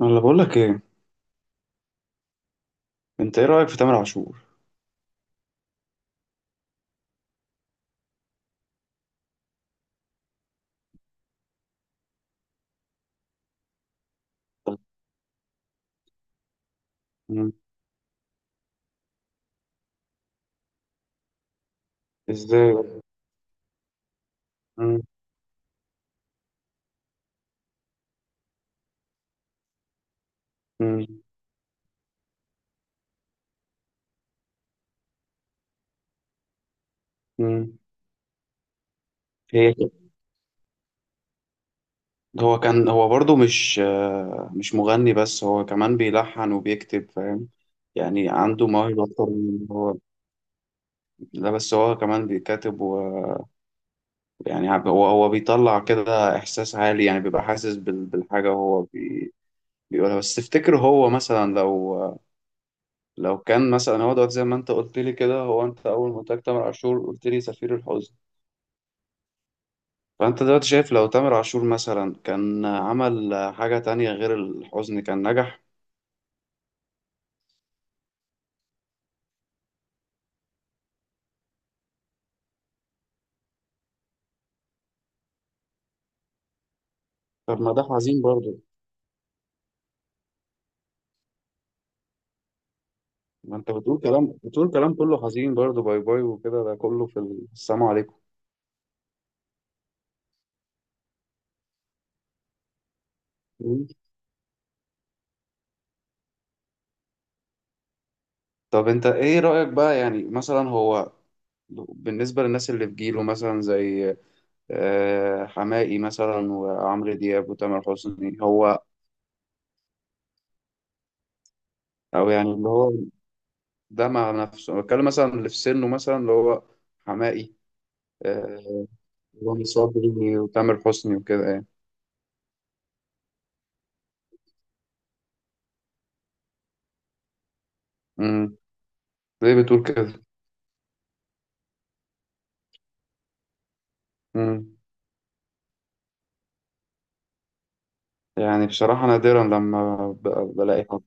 انا اللي بقول لك ايه. انت ايه رايك في تامر عاشور؟ مم. ازاي؟ مم. مم. مم. هي كده. هو برضو مش مغني، بس هو كمان بيلحن وبيكتب فاهم. يعني عنده موهبة أكتر من هو. لا، بس هو كمان بيكتب ويعني هو بيطلع كده إحساس عالي، يعني بيبقى حاسس بالحاجة، بيقولها. بس تفتكر هو مثلا لو كان مثلا هو دلوقتي زي ما أنت قلت لي كده، أنت أول ما قلت لك تامر عاشور قلت لي سفير الحزن. فأنت دلوقتي شايف لو تامر عاشور مثلا كان عمل حاجة تانية غير الحزن كان نجح؟ طب ما ده حزين برضه. ما انت بتقول كلام كله حزين برضه، باي باي وكده، ده كله في السلام عليكم. مم. طب انت ايه رأيك بقى، يعني مثلا هو بالنسبة للناس اللي في جيله مثلا، زي حماقي مثلا وعمرو دياب وتامر حسني، هو او يعني اللي هو، ده مع نفسه أنا بتكلم، مثلا اللي في سنه مثلا اللي هو حماقي. آه، رامي صبري وتامر حسني وكده يعني. امم. زي بتقول كده. امم. يعني بصراحة نادرا لما بلاقي حد.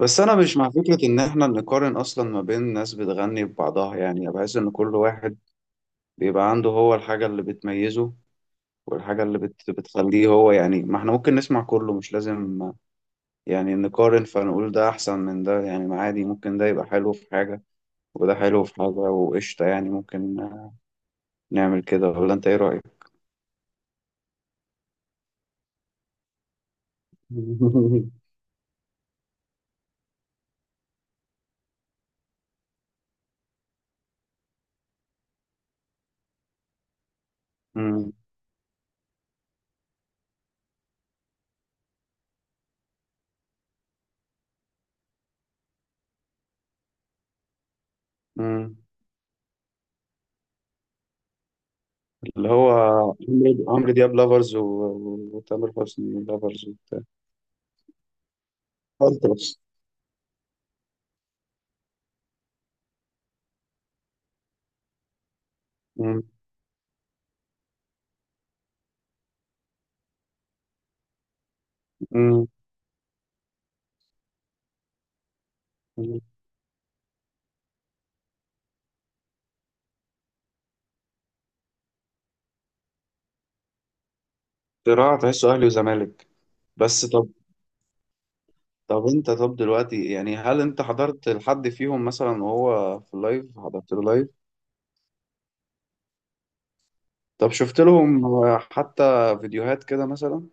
بس أنا مش مع فكرة إن إحنا نقارن أصلا ما بين ناس بتغني ببعضها، يعني بحس إن كل واحد بيبقى عنده هو الحاجة اللي بتميزه والحاجة اللي بتخليه هو، يعني ما إحنا ممكن نسمع كله، مش لازم يعني نقارن فنقول ده أحسن من ده، يعني ما عادي ممكن ده يبقى حلو في حاجة وده حلو في حاجة وقشطة. يعني ممكن نعمل كده، ولا أنت إيه رأيك؟ امم. اللي هو عمرو دياب لافرز وتامر حسني لافرز وبتاع التراس. مم. مم. مم. صراع تحسه اهلي وزمالك. بس، طب دلوقتي يعني، هل انت حضرت لحد فيهم مثلا وهو في اللايف؟ حضرت له لايف؟ طب شفت لهم حتى فيديوهات كده مثلا؟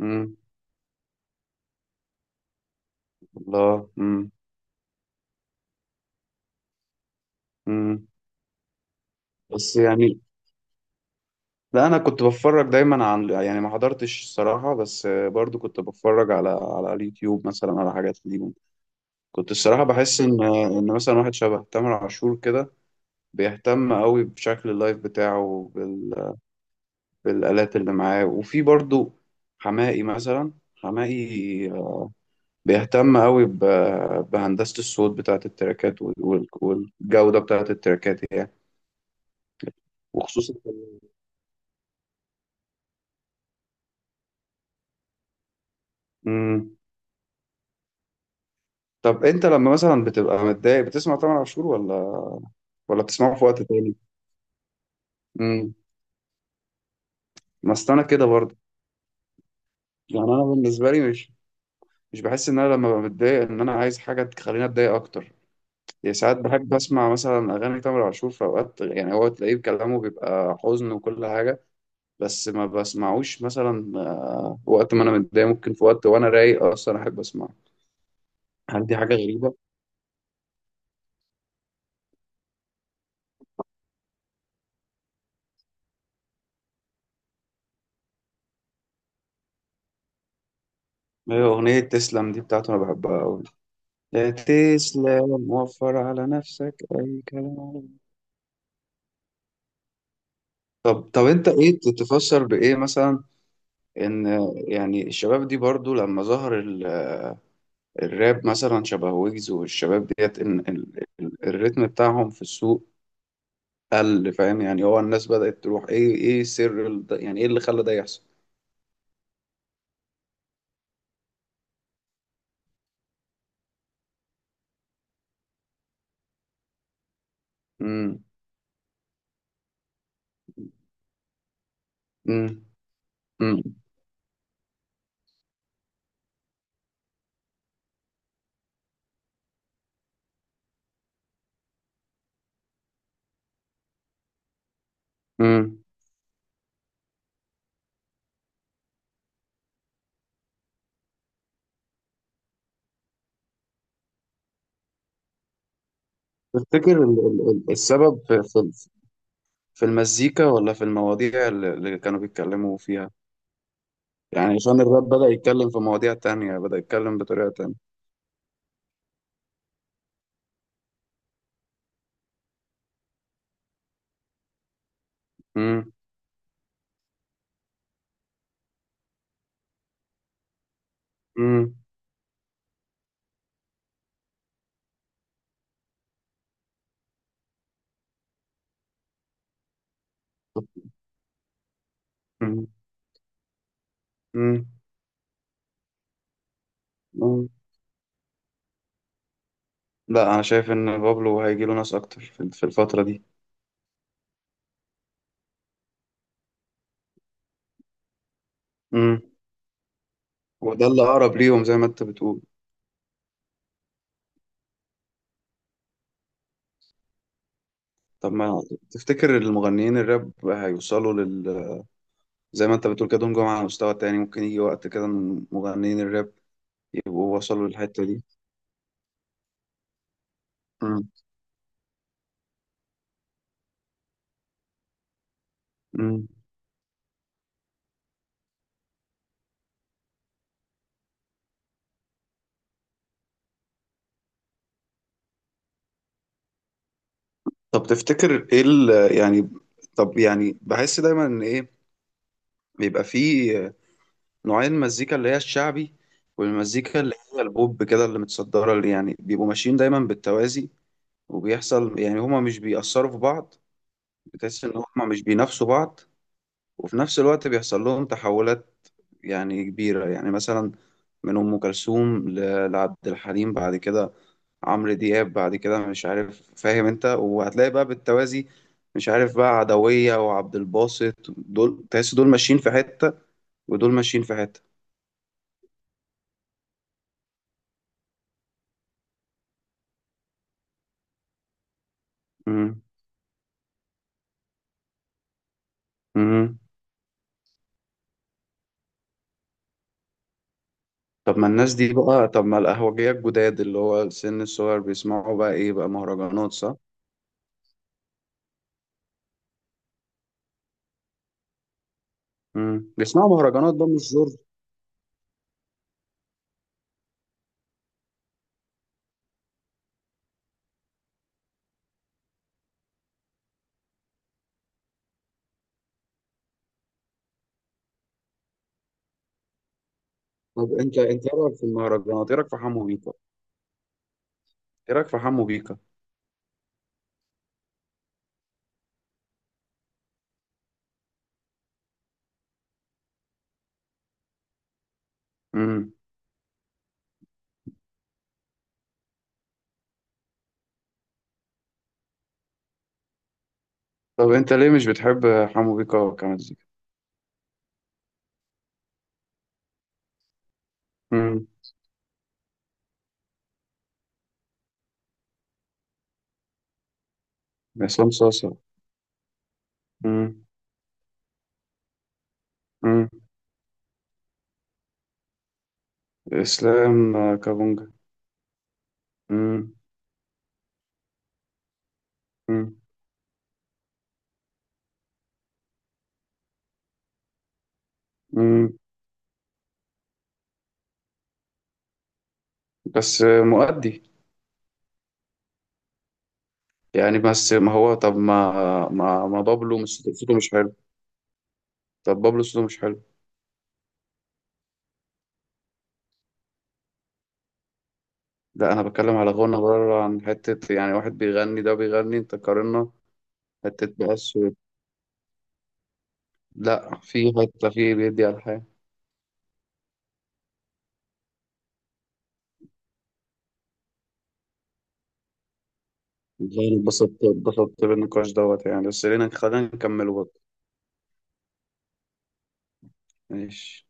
امم. الله. امم. امم. بس يعني، لا انا كنت بتفرج دايما عن يعني، ما حضرتش الصراحة، بس برضو كنت بتفرج على اليوتيوب مثلا على حاجات ليهم. كنت الصراحة بحس إن مثلا واحد شبه تامر عاشور كده بيهتم قوي بشكل اللايف بتاعه، بالآلات اللي معاه. وفي برضو حماقي، بيهتم قوي بهندسة الصوت بتاعة التراكات والجودة بتاعة التراكات يعني، وخصوصا. مم. طب أنت لما مثلا بتبقى متضايق بتسمع تامر عاشور، ولا بتسمعه في وقت تاني؟ مم. ما أصل أنا كده برضه. يعني أنا بالنسبة لي مش بحس ان انا لما بتضايق ان انا عايز حاجه تخليني اتضايق اكتر. يعني ساعات بحب اسمع مثلا اغاني تامر عاشور في اوقات، يعني هو تلاقيه كلامه بيبقى حزن وكل حاجه، بس ما بسمعوش مثلا وقت ما انا متضايق. ممكن في وقت وانا رايق اصلا احب اسمعه. هل دي حاجه غريبه؟ هي اغنيه تسلم دي بتاعته انا بحبها قوي. لا، تسلم وفر على نفسك اي كلام. طب انت ايه تتفسر بايه مثلا ان، يعني الشباب دي برضو لما ظهر الراب مثلا شبه ويجز، والشباب ديت ان الريتم بتاعهم في السوق قل. فاهم يعني هو الناس بدأت تروح ايه سر يعني ايه اللي خلى ده يحصل؟ امم. امم. امم. امم. تفتكر السبب في في المزيكا ولا في المواضيع اللي كانوا بيتكلموا فيها؟ يعني عشان الراب بدأ يتكلم في مواضيع تانية، بدأ يتكلم بطريقة تانية. امم. امم. امم. امم. لا، انا شايف ان بابلو هيجي له ناس اكتر في الفترة دي، وده اللي أقرب ليهم زي ما أنت بتقول. طب ما تفتكر المغنيين الراب هيوصلوا لل، زي ما أنت بتقول كده دول جم على مستوى تاني، ممكن يجي وقت كده من مغنيين الراب يبقوا وصلوا للحتة دي؟ مم. مم. طب تفتكر إيه ال... يعني، طب يعني بحس دايما إن إيه، بيبقى فيه نوعين مزيكا، اللي هي الشعبي والمزيكا اللي هي البوب كده اللي متصدرة، اللي يعني بيبقوا ماشيين دايما بالتوازي، وبيحصل يعني هما مش بيأثروا في بعض، بتحس إن هما مش بينافسوا بعض. وفي نفس الوقت بيحصل لهم تحولات يعني كبيرة، يعني مثلا من أم كلثوم لعبد الحليم، بعد كده عمرو دياب، بعد كده مش عارف فاهم أنت، وهتلاقي بقى بالتوازي مش عارف بقى عدوية وعبد الباسط، دول تحس دول ماشيين في حتة ودول ماشيين في حتة. مم. مم. طب ما الناس دي بقى، طب ما القهوجية الجداد اللي هو السن الصغير بيسمعوا بقى إيه بقى مهرجانات صح؟ مم. بيسمعوا مهرجانات بقى مش جورج. طب أنت إيه رأيك في المهرجانات؟ إيه رأيك في حمو بيكا؟ ايه رايك في حمو بيكا؟ امم. طب انت ليه مش بتحب حمو بيكا كمزيكا؟ امم. عصام صاصا. امم. امم. اسلام كابونجا. امم. امم. امم. بس مؤدي. يعني بس ما هو طب، ما بابلو مش صوته مش حلو؟ طب بابلو صوته مش حلو؟ لا، انا بتكلم على غنى بره عن حته، يعني واحد بيغني ده بيغني، انت قارنا حته بس و-. لا في حته في بيدي على الحياه. والله أنا اتبسطت بالنقاش دوت يعني، بس خلينا نكمله. ماشي.